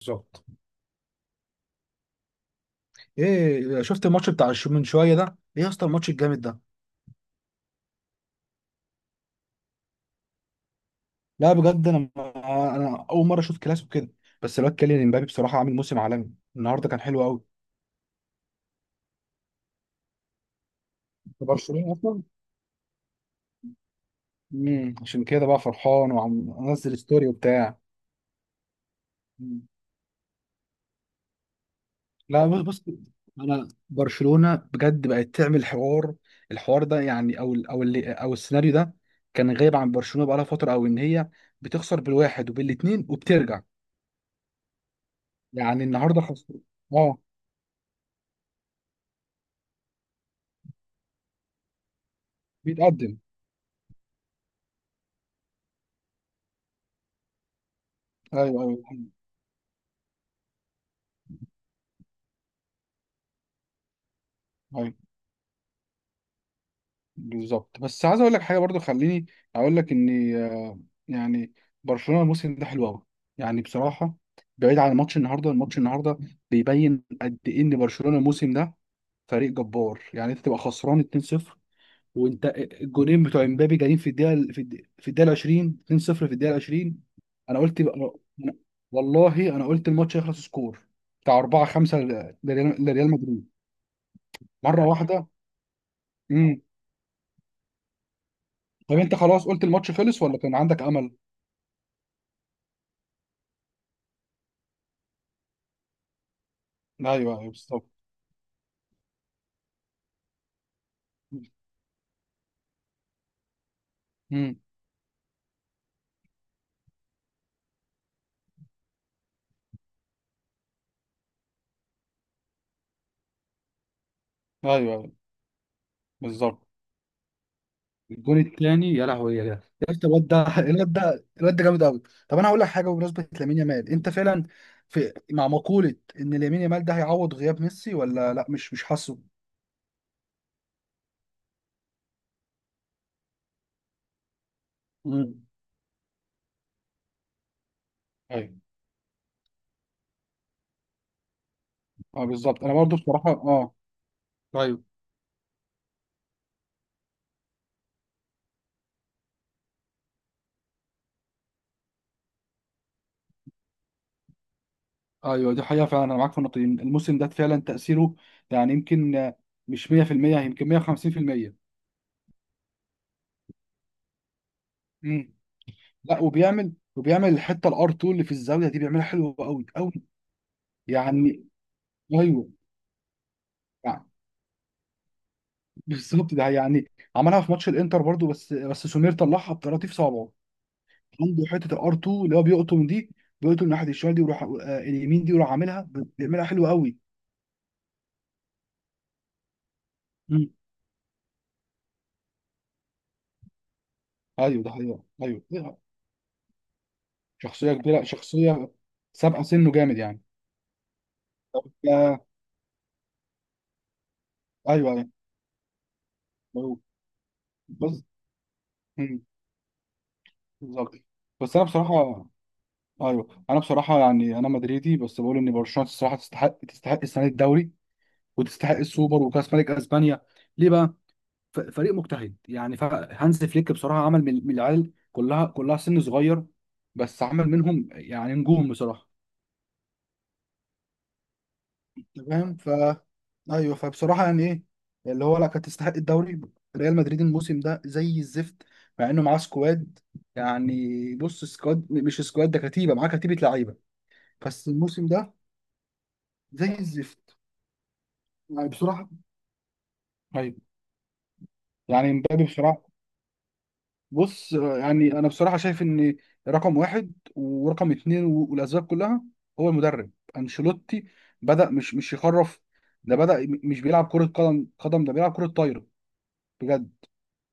بالظبط، ايه شفت الماتش بتاع من شويه ده، ايه يا اسطى الماتش الجامد ده. لا بجد، انا اول مره اشوف كلاسيكو كده. بس الواد كيليان امبابي بصراحه عامل موسم عالمي، النهارده كان حلو قوي. برشلونة أصلا. عشان كده بقى فرحان وعم انزل ستوري وبتاع. مم. لا، بص. انا برشلونة بجد بقت تعمل حوار. الحوار ده يعني، او ال- او اللي او السيناريو ده كان غايب عن برشلونة بقالها فترة، او ان هي بتخسر بالواحد وبالاتنين وبترجع. يعني النهارده خسر. اه. بيتقدم. ايوه ايوه فهمت. ايوه بالظبط، بس عايز اقول لك حاجه برضو. خليني اقول لك ان يعني برشلونه الموسم ده حلو قوي يعني بصراحه. بعيد عن ماتش النهارده، الماتش النهارده بيبين قد ايه ان برشلونه الموسم ده فريق جبار. يعني انت تبقى خسران 2-0 وانت، الجونين بتوع امبابي جايين في الدقيقه في الدقيقه 20، 2-0 في الدقيقه 20. انا قلت بقى. أنا- والله انا قلت الماتش هيخلص سكور بتاع 4 5 لريال مدريد. مره واحده. طب انت خلاص قلت الماتش خلص ولا كان عندك امل؟ ايوه ايوه بالظبط. امم ايوه ايوه بالظبط. الجون الثاني يا لهوي يا جدع يا اسطى. الواد ده، الواد ده جامد قوي. طب انا هقول لك حاجه بمناسبه لامين يامال. انت فعلا في مع مقوله ان لامين يامال ده هيعوض غياب ميسي ولا لا؟ مش حاسه. امم ايوه. اه بالظبط، انا برضو بصراحه اه. ايوه ايوه دي حقيقه فعلا، انا معاك في النقطه دي. الموسم ده فعلا تاثيره يعني يمكن، مش 100%، يمكن 150%. امم لا، وبيعمل الحته الار 2 اللي في الزاويه دي بيعملها حلوه قوي قوي. يعني ايوه يعني بالظبط ده يعني عملها في ماتش الانتر برضو. بس سمير طلعها بطراطيف صعبه. عنده حته الار 2 اللي هو بيقطم دي، بيقطم ناحيه الشمال دي ويروح اليمين دي ويروح بيعملها حلوه قوي. مم. ايوه ده حقيقة ايوه شخصيه كبيره، شخصيه سابقه سنه، جامد يعني. طب، ايوه ايوه. بس. مم، بالظبط، بس انا بصراحه ايوه. انا بصراحه يعني انا مدريدي، بس بقول ان برشلونه الصراحه تستحق السنه دي الدوري، وتستحق السوبر وكاس ملك اسبانيا. ليه بقى؟ فريق مجتهد يعني. هانز فليك بصراحه عمل من العيال كلها، كلها سن صغير. بس عمل منهم يعني نجوم بصراحه. أنت فاهم. ايوه، فبصراحه يعني ايه اللي هو. لا كانت تستحق الدوري. ريال مدريد الموسم ده زي الزفت، مع انه معاه سكواد. يعني بص، سكواد مش سكواد، ده كتيبه، معاه كتيبه لعيبه. بس الموسم ده زي الزفت يعني بصراحة. أيوة، يعني مبابي بصراحة. بص، يعني أنا بصراحة شايف إن رقم واحد ورقم اتنين والأسباب كلها هو المدرب أنشيلوتي. بدأ، مش يخرف. ده بدأ مش بيلعب كرة قدم، ده بيلعب كرة طايرة. بجد،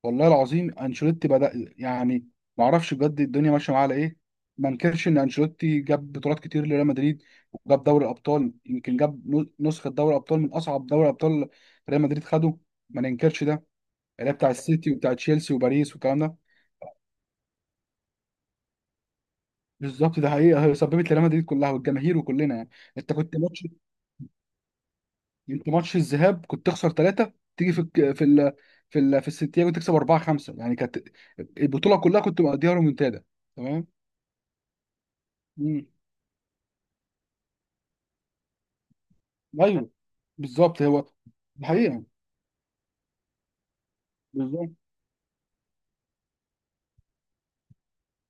والله العظيم أنشيلوتي بدأ يعني معرفش بجد، الدنيا ماشية معاه على إيه. ما انكرش إن أنشيلوتي جاب بطولات كتير لريال مدريد، وجاب دوري الأبطال. يمكن جاب نسخة دوري الأبطال من أصعب دوري أبطال. ريال مدريد خده. ما ننكرش ده. اللي هي بتاع السيتي وبتاع تشيلسي وباريس والكلام ده. بالظبط ده حقيقه، هي سببت لريال مدريد كلها والجماهير وكلنا يعني. انت كنت ماتش انت ماتش الذهاب كنت تخسر ثلاثه. تيجي في الك- في ال... في ال... في السنتياجو تكسب اربعه خمسه، يعني كانت البطوله كلها كنت مقضيها رومنتادا. تمام. مم. ايوه بالظبط هو. الحقيقه. بالظبط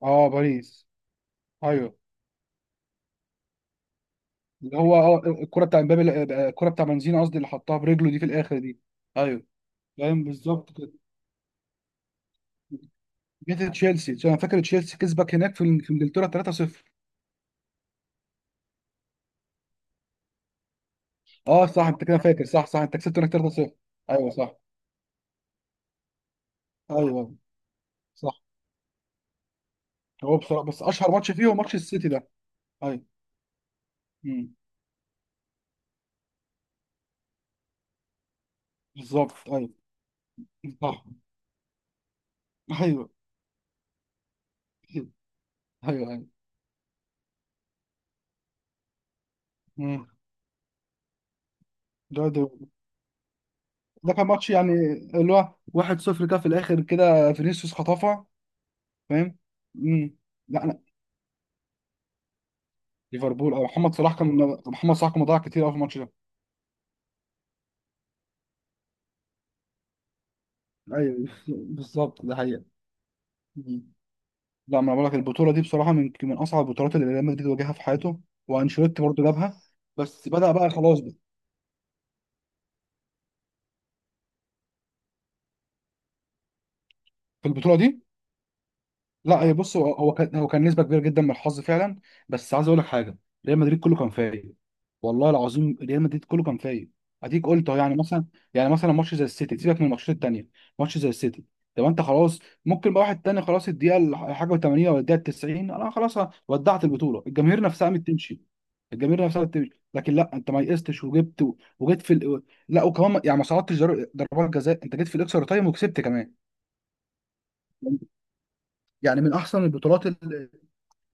اه باريس. ايوه اللي هو اه الكره بتاع امبابي، الكره بتاع بنزيما قصدي، اللي حطها برجله دي في الاخر دي. ايوه فاهم بالظبط. جت تشيلسي، عشان انا فاكر تشيلسي كسبك هناك في انجلترا 3-0. اه صح، انت كده فاكر. صح صح، انت كسبت هناك 3-0. ايوه صح ايوه صح. هو بصراحه، بس اشهر ماتش فيه هو ماتش السيتي ده. ايوه. امم بالظبط ايوه صح ايوه ايوه ايوه. امم ده ده ده كان ماتش يعني اللي هو 1-0 كده، في الاخر كده فينيسيوس خطفها، فاهم. امم لا لا، ليفربول. اه محمد صلاح كان مضيع كتير قوي في الماتش ده. ايوه. بالظبط ده حقيقة. لا، ما انا بقول لك، البطوله دي بصراحه من اصعب البطولات اللي ريال مدريد واجهها في حياته. وانشيلوتي برضه جابها. بس بدأ بقى خلاص بقى في البطوله دي. لا هي بص. هو كان نسبه كبيره جدا من الحظ فعلا. بس عايز اقول لك حاجه. ريال مدريد كله كان فايق، والله العظيم ريال مدريد كله كان فايق. اديك قلت اهو يعني مثلا. ماتش زي السيتي سيبك من الماتشات التانيه. ماتش زي السيتي، طب انت خلاص. ممكن بقى واحد تاني خلاص، الدقيقه الحاجه 80 ولا الدقيقه 90، انا خلاص ودعت البطوله. الجماهير نفسها قامت تمشي. لكن لا، انت ما يئستش وجبت وجيت لا وكمان يعني ما صعدتش ضربات جزاء، انت جيت في الاكسترا تايم وكسبت كمان. يعني من احسن البطولات.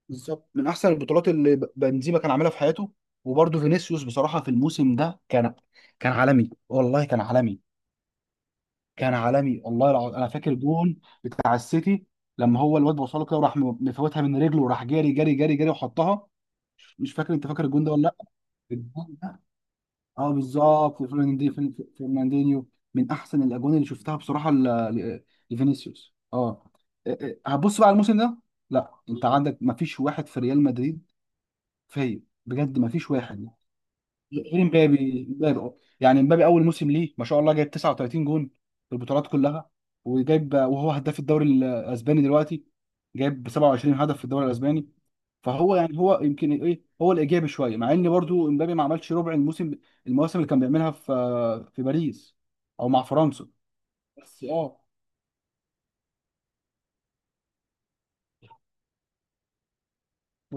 بالظبط من احسن البطولات اللي بنزيما كان عاملها في حياته. وبرده فينيسيوس بصراحه في الموسم ده كان عالمي، والله كان عالمي. كان عالمي والله العظيم. انا فاكر جون بتاع السيتي، لما هو الواد وصله كده وراح مفوتها من رجله وراح جاري جاري جاري جاري وحطها. مش فاكر، انت فاكر الجون ده ولا لا؟ الجون ده، اه بالظبط. فرناندينيو من احسن الاجوان اللي شفتها بصراحه لفينيسيوس، اه. إيه- إيه، هتبص بقى على الموسم ده. لا انت عندك مفيش واحد في ريال مدريد فيا، بجد ما فيش واحد. غير مبابي. مبابي أه. يعني مبابي اول موسم ليه ما شاء الله جايب 39 جون في البطولات كلها. وهو هداف الدوري الاسباني دلوقتي، جايب 27 هدف في الدوري الاسباني. فهو يعني هو يمكن ايه، هو الايجابي شويه، مع ان برضو مبابي ما عملش ربع الموسم، المواسم اللي كان بيعملها في باريس او مع فرنسا. بس اه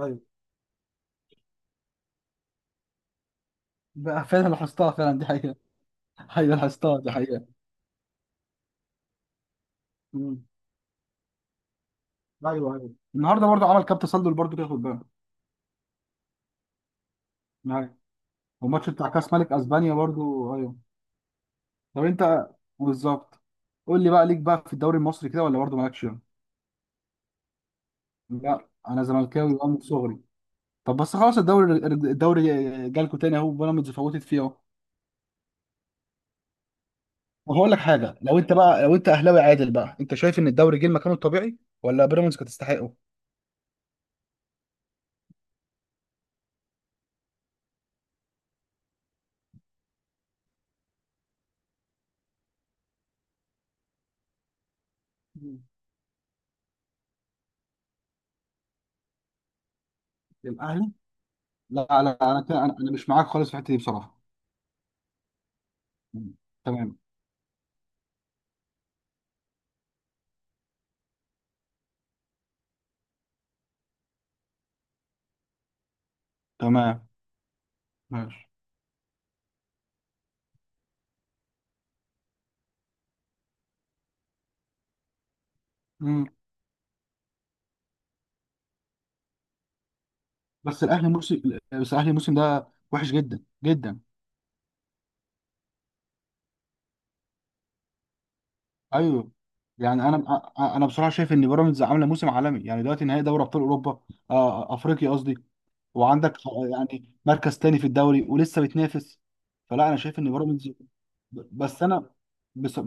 ايوه، بقى فعلا لاحظتها فعلا دي حقيقه. ايوه لاحظتها دي حقيقه. مم. ايوه ايوه النهارده برضو عمل كام تسلل برضو كده، خد بالك. والماتش بتاع كاس ملك اسبانيا برضو ايوه. طب انت، بالظبط، قول لي بقى ليك بقى في الدوري المصري كده ولا برضو مالكش؟ لا انا زملكاوي بقى من صغري. طب بس خلاص، الدوري، جالكوا تاني اهو، بيراميدز فوتت فيه اهو. طب هقول لك حاجه، لو انت اهلاوي عادل بقى، انت شايف ان الدوري جه مكانه الطبيعي ولا بيراميدز كانت تستحقه؟ مم. الاهلي، لا لا، انا كده- انا أنا مش معاك خالص في الحته دي بصراحه. مم. تمام تمام ماشي. مم. بس الاهلي موسم بس الاهلي الموسم ده وحش جدا جدا. ايوه يعني انا، انا بصراحه شايف ان بيراميدز عامله موسم عالمي، يعني دلوقتي نهائي دوري ابطال اوروبا، افريقيا قصدي. وعندك يعني مركز تاني في الدوري ولسه بتنافس. فلا انا شايف ان بيراميدز، بس انا بس,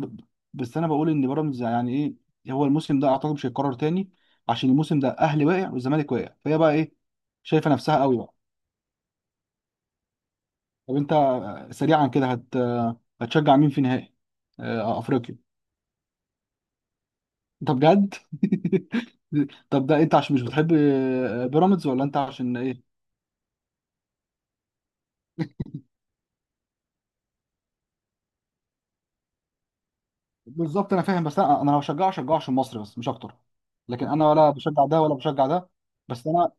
بس انا بقول ان بيراميدز يعني ايه هو، الموسم ده اعتقد مش هيتكرر تاني. عشان الموسم ده اهلي واقع والزمالك واقع، فهي بقى ايه، شايفه نفسها قوي بقى. طب انت، سريعا كده، هت آه، هتشجع مين في نهائي، افريقيا؟ انت بجد؟ طب ده انت عشان مش بتحب بيراميدز ولا انت عشان ايه؟ بالظبط انا فاهم، بس انا لو هشجعه هشجعه عشان مصر بس، مش اكتر. لكن انا ولا بشجع ده ولا بشجع ده. بس انا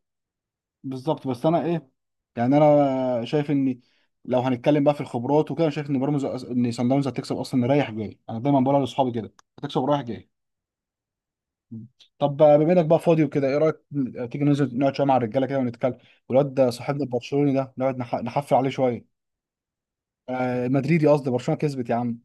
بالظبط، بس انا ايه يعني انا شايف ان، لو هنتكلم بقى في الخبرات وكده، انا شايف ان بيراميدز ان صن داونز هتكسب اصلا رايح جاي. انا دايما بقولها لاصحابي كده هتكسب رايح جاي. طب بما انك بقى فاضي وكده، ايه رايك تيجي ننزل نقعد شويه مع الرجاله كده ونتكلم، والواد ده صاحبنا البرشلوني ده، نقعد نحفل عليه شويه. آه مدريدي قصدي، برشلونه كسبت يا عم.